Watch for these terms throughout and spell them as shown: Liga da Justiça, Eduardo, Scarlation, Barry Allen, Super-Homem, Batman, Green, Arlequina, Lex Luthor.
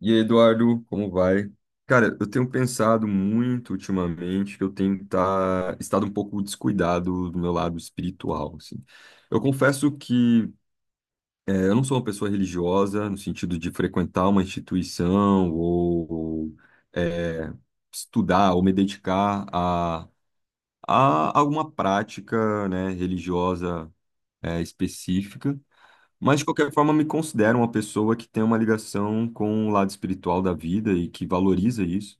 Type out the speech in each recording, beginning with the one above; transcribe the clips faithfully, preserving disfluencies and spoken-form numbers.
E aí, Eduardo, como vai? Cara, eu tenho pensado muito ultimamente que eu tenho tá, estado um pouco descuidado do meu lado espiritual, assim. Eu confesso que eh, eu não sou uma pessoa religiosa no sentido de frequentar uma instituição ou eh, estudar ou me dedicar a, a alguma prática, né, religiosa eh, específica. Mas, de qualquer forma, me considero uma pessoa que tem uma ligação com o lado espiritual da vida e que valoriza isso.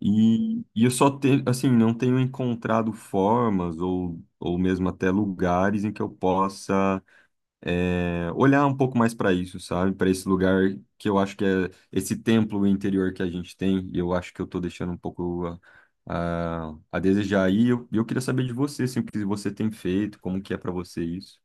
E, e eu só tenho, assim, não tenho encontrado formas ou, ou mesmo até lugares em que eu possa é, olhar um pouco mais para isso, sabe? Para esse lugar que eu acho que é esse templo interior que a gente tem. E eu acho que eu estou deixando um pouco a, a, a desejar. Aí. E eu, eu queria saber de você, assim, o que você tem feito, como que é para você isso.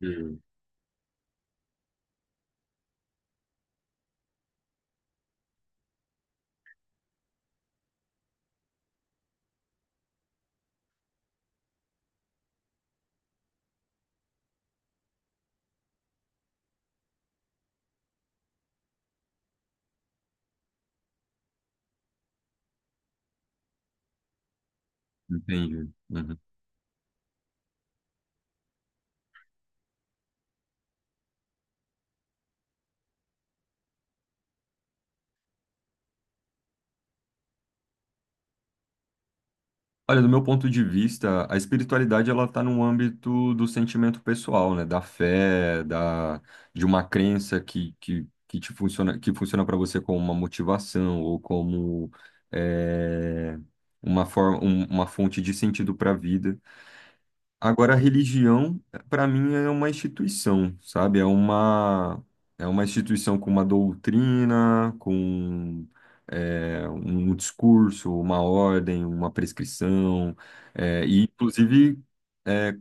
Hum. Entendi. Uhum. Olha, do meu ponto de vista, a espiritualidade ela está no âmbito do sentimento pessoal, né? Da fé, da, de uma crença que, que, que te funciona, que funciona para você como uma motivação ou como é, uma forma, um- uma fonte de sentido para a vida. Agora, a religião, para mim, é uma instituição, sabe? É uma, é uma instituição com uma doutrina, com é, um discurso, uma ordem, uma prescrição, é, e, inclusive, é,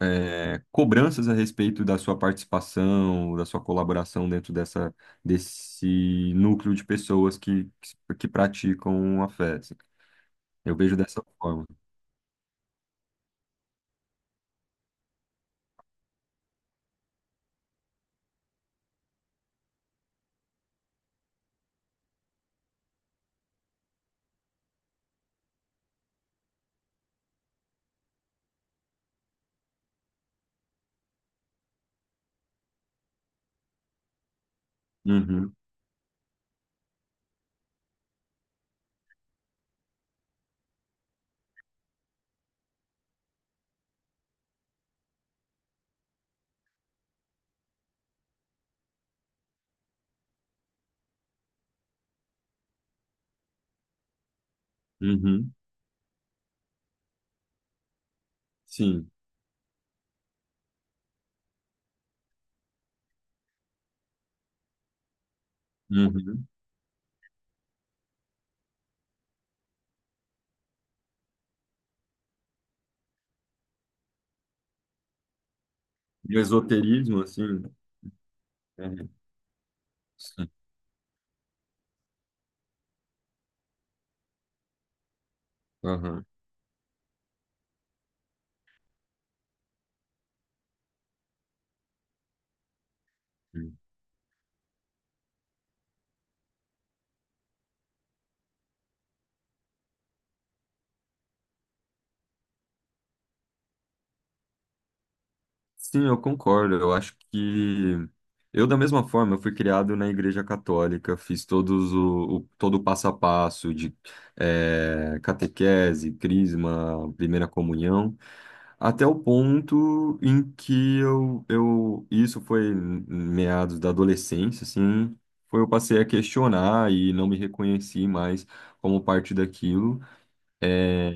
é, cobranças a respeito da sua participação, da sua colaboração dentro dessa, desse núcleo de pessoas que, que praticam a fé. Assim. Eu vejo dessa forma. Uhum, uhum, sim. Uhum. De esoterismo, assim. É, sim. Aham. Sim, eu concordo. Eu acho que eu, da mesma forma, eu fui criado na Igreja Católica, fiz todos o, o- todo o passo a passo de eh, catequese, crisma, primeira comunhão, até o ponto em que eu, eu isso foi em meados da adolescência, assim, foi eu passei a questionar e não me reconheci mais como parte daquilo. É,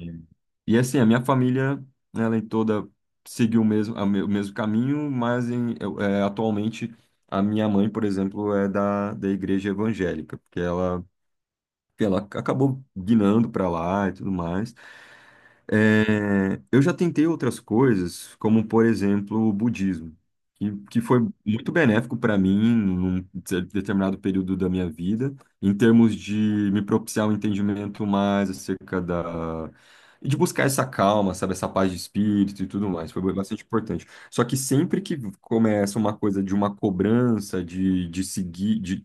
e assim, a minha família, ela em toda seguiu o mesmo, a me- o mesmo caminho, mas em, eu- é, atualmente a minha mãe, por exemplo, é da, da igreja evangélica, porque ela, ela acabou guinando para lá e tudo mais. É, eu já tentei outras coisas, como por exemplo o budismo, que, que foi muito benéfico para mim num de- determinado período da minha vida, em termos de me propiciar um entendimento mais acerca da. E de buscar essa calma, sabe, essa paz de espírito e tudo mais, foi bastante importante. Só que sempre que começa uma coisa de uma cobrança, de, de seguir, de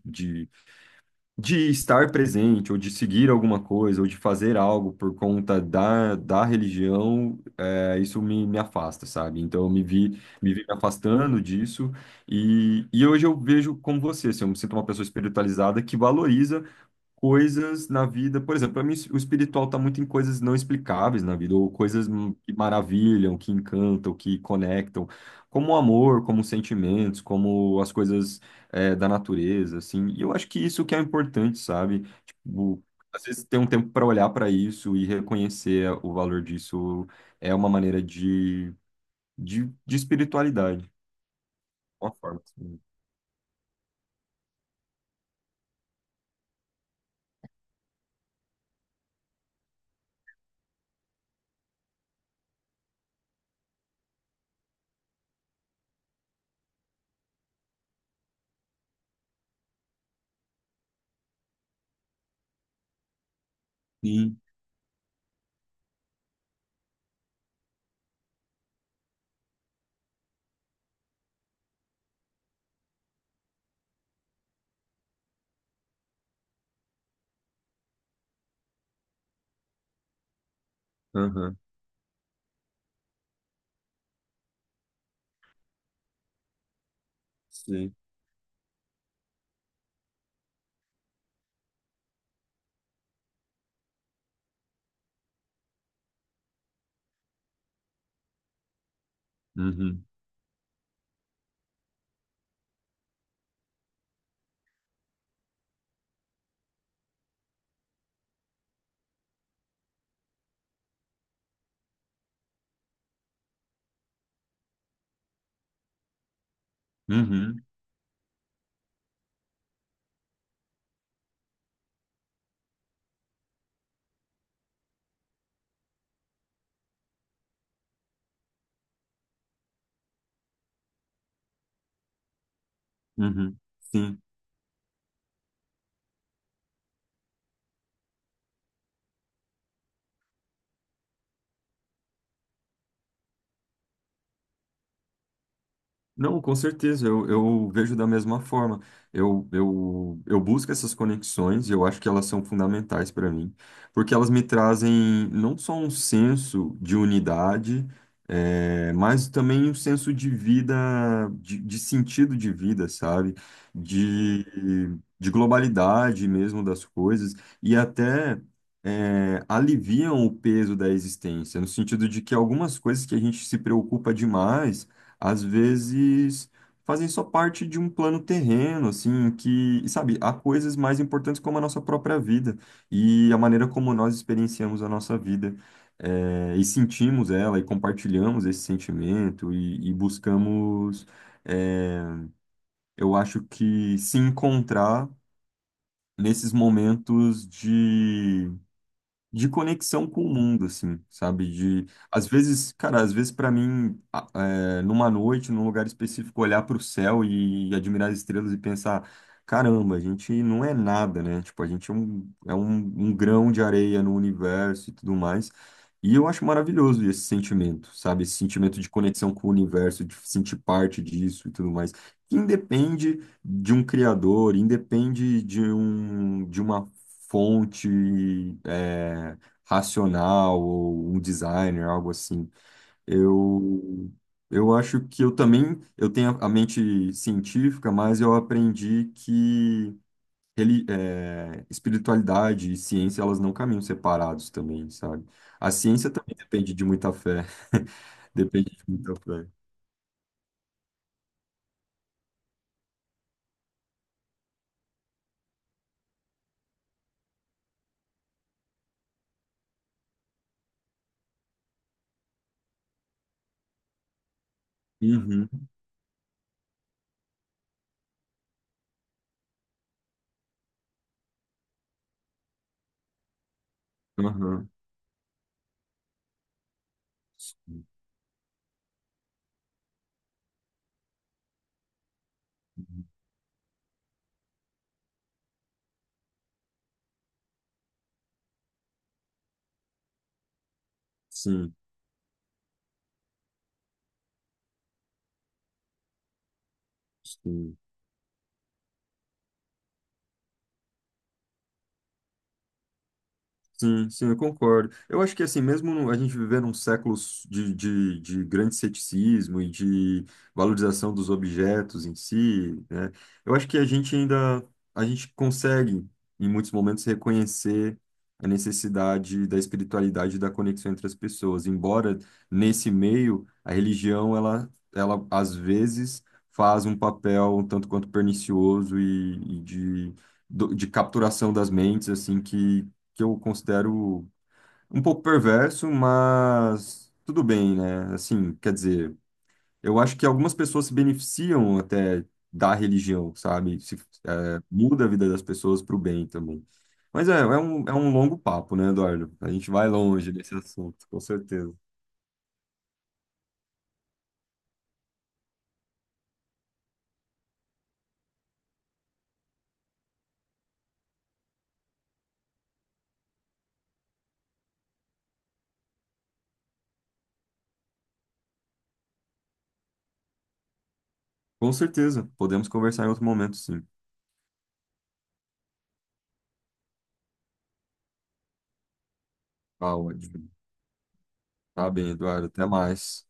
de estar presente, ou de seguir alguma coisa, ou de fazer algo por conta da, da religião, é, isso me, me afasta, sabe? Então eu me vi, me vi me afastando disso, e, e hoje eu vejo como você, assim, eu me sinto uma pessoa espiritualizada que valoriza coisas na vida. Por exemplo, para mim o espiritual está muito em coisas não explicáveis na vida, ou coisas m- que maravilham, que encantam, que conectam, como o amor, como os sentimentos, como as coisas é, da natureza, assim. E eu acho que isso que é importante, sabe? Tipo, às vezes ter um tempo para olhar para isso e reconhecer o valor disso é uma maneira de, de, de espiritualidade, uma forma. Assim. Sim, aham, sim. Uhum, uhum, uhum, sim. Não, com certeza, eu, eu vejo da mesma forma. Eu, eu, eu busco essas conexões e eu acho que elas são fundamentais para mim, porque elas me trazem não só um senso de unidade, eh, mas também um senso de vida, de, de sentido de vida, sabe? De, de globalidade mesmo das coisas e até. Eh, aliviam o peso da existência, no sentido de que algumas coisas que a gente se preocupa demais às vezes fazem só parte de um plano terreno, assim, que, sabe, há coisas mais importantes como a nossa própria vida e a maneira como nós experienciamos a nossa vida. Eh, e sentimos ela e compartilhamos esse sentimento e, e buscamos, eh, eu acho que se encontrar nesses momentos de conexão com o mundo, assim, sabe? De, às vezes, cara, às vezes para mim, a- é, numa noite, num lugar específico, olhar para o céu e admirar as estrelas e pensar, caramba, a gente não é nada, né? Tipo, a gente é um, é um, um grão de areia no universo e tudo mais. E eu acho maravilhoso esse sentimento, sabe? Esse sentimento de conexão com o universo, de sentir parte disso e tudo mais. Que independe de um criador, independe de um, de uma fonte é, racional ou um designer, algo assim. Eu, eu acho que eu também eu tenho a mente científica, mas eu aprendi que ele é, espiritualidade e ciência elas não caminham separados também, sabe? A ciência também depende de muita fé. Depende de muita fé. Uhum, uhum. Sim, sim. Sim, sim, eu concordo. Eu acho que assim, mesmo no- a gente vivendo um século de, de, de grande ceticismo e de valorização dos objetos em si, né? Eu acho que a gente ainda, a gente consegue, em muitos momentos, reconhecer a necessidade da espiritualidade e da conexão entre as pessoas. Embora nesse meio, a religião, ela, ela às vezes faz um papel um tanto quanto pernicioso e, e de, do- de capturação das mentes, assim, que eu considero um pouco perverso, mas tudo bem, né? Assim, quer dizer, eu acho que algumas pessoas se beneficiam até da religião, sabe? Se, é, muda a vida das pessoas para o bem também. Mas é, é um, é um longo papo, né, Eduardo? A gente vai longe desse assunto, com certeza. Com certeza, podemos conversar em outro momento, sim. Tá ótimo. Tá bem, Eduardo, até mais.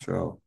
Tchau.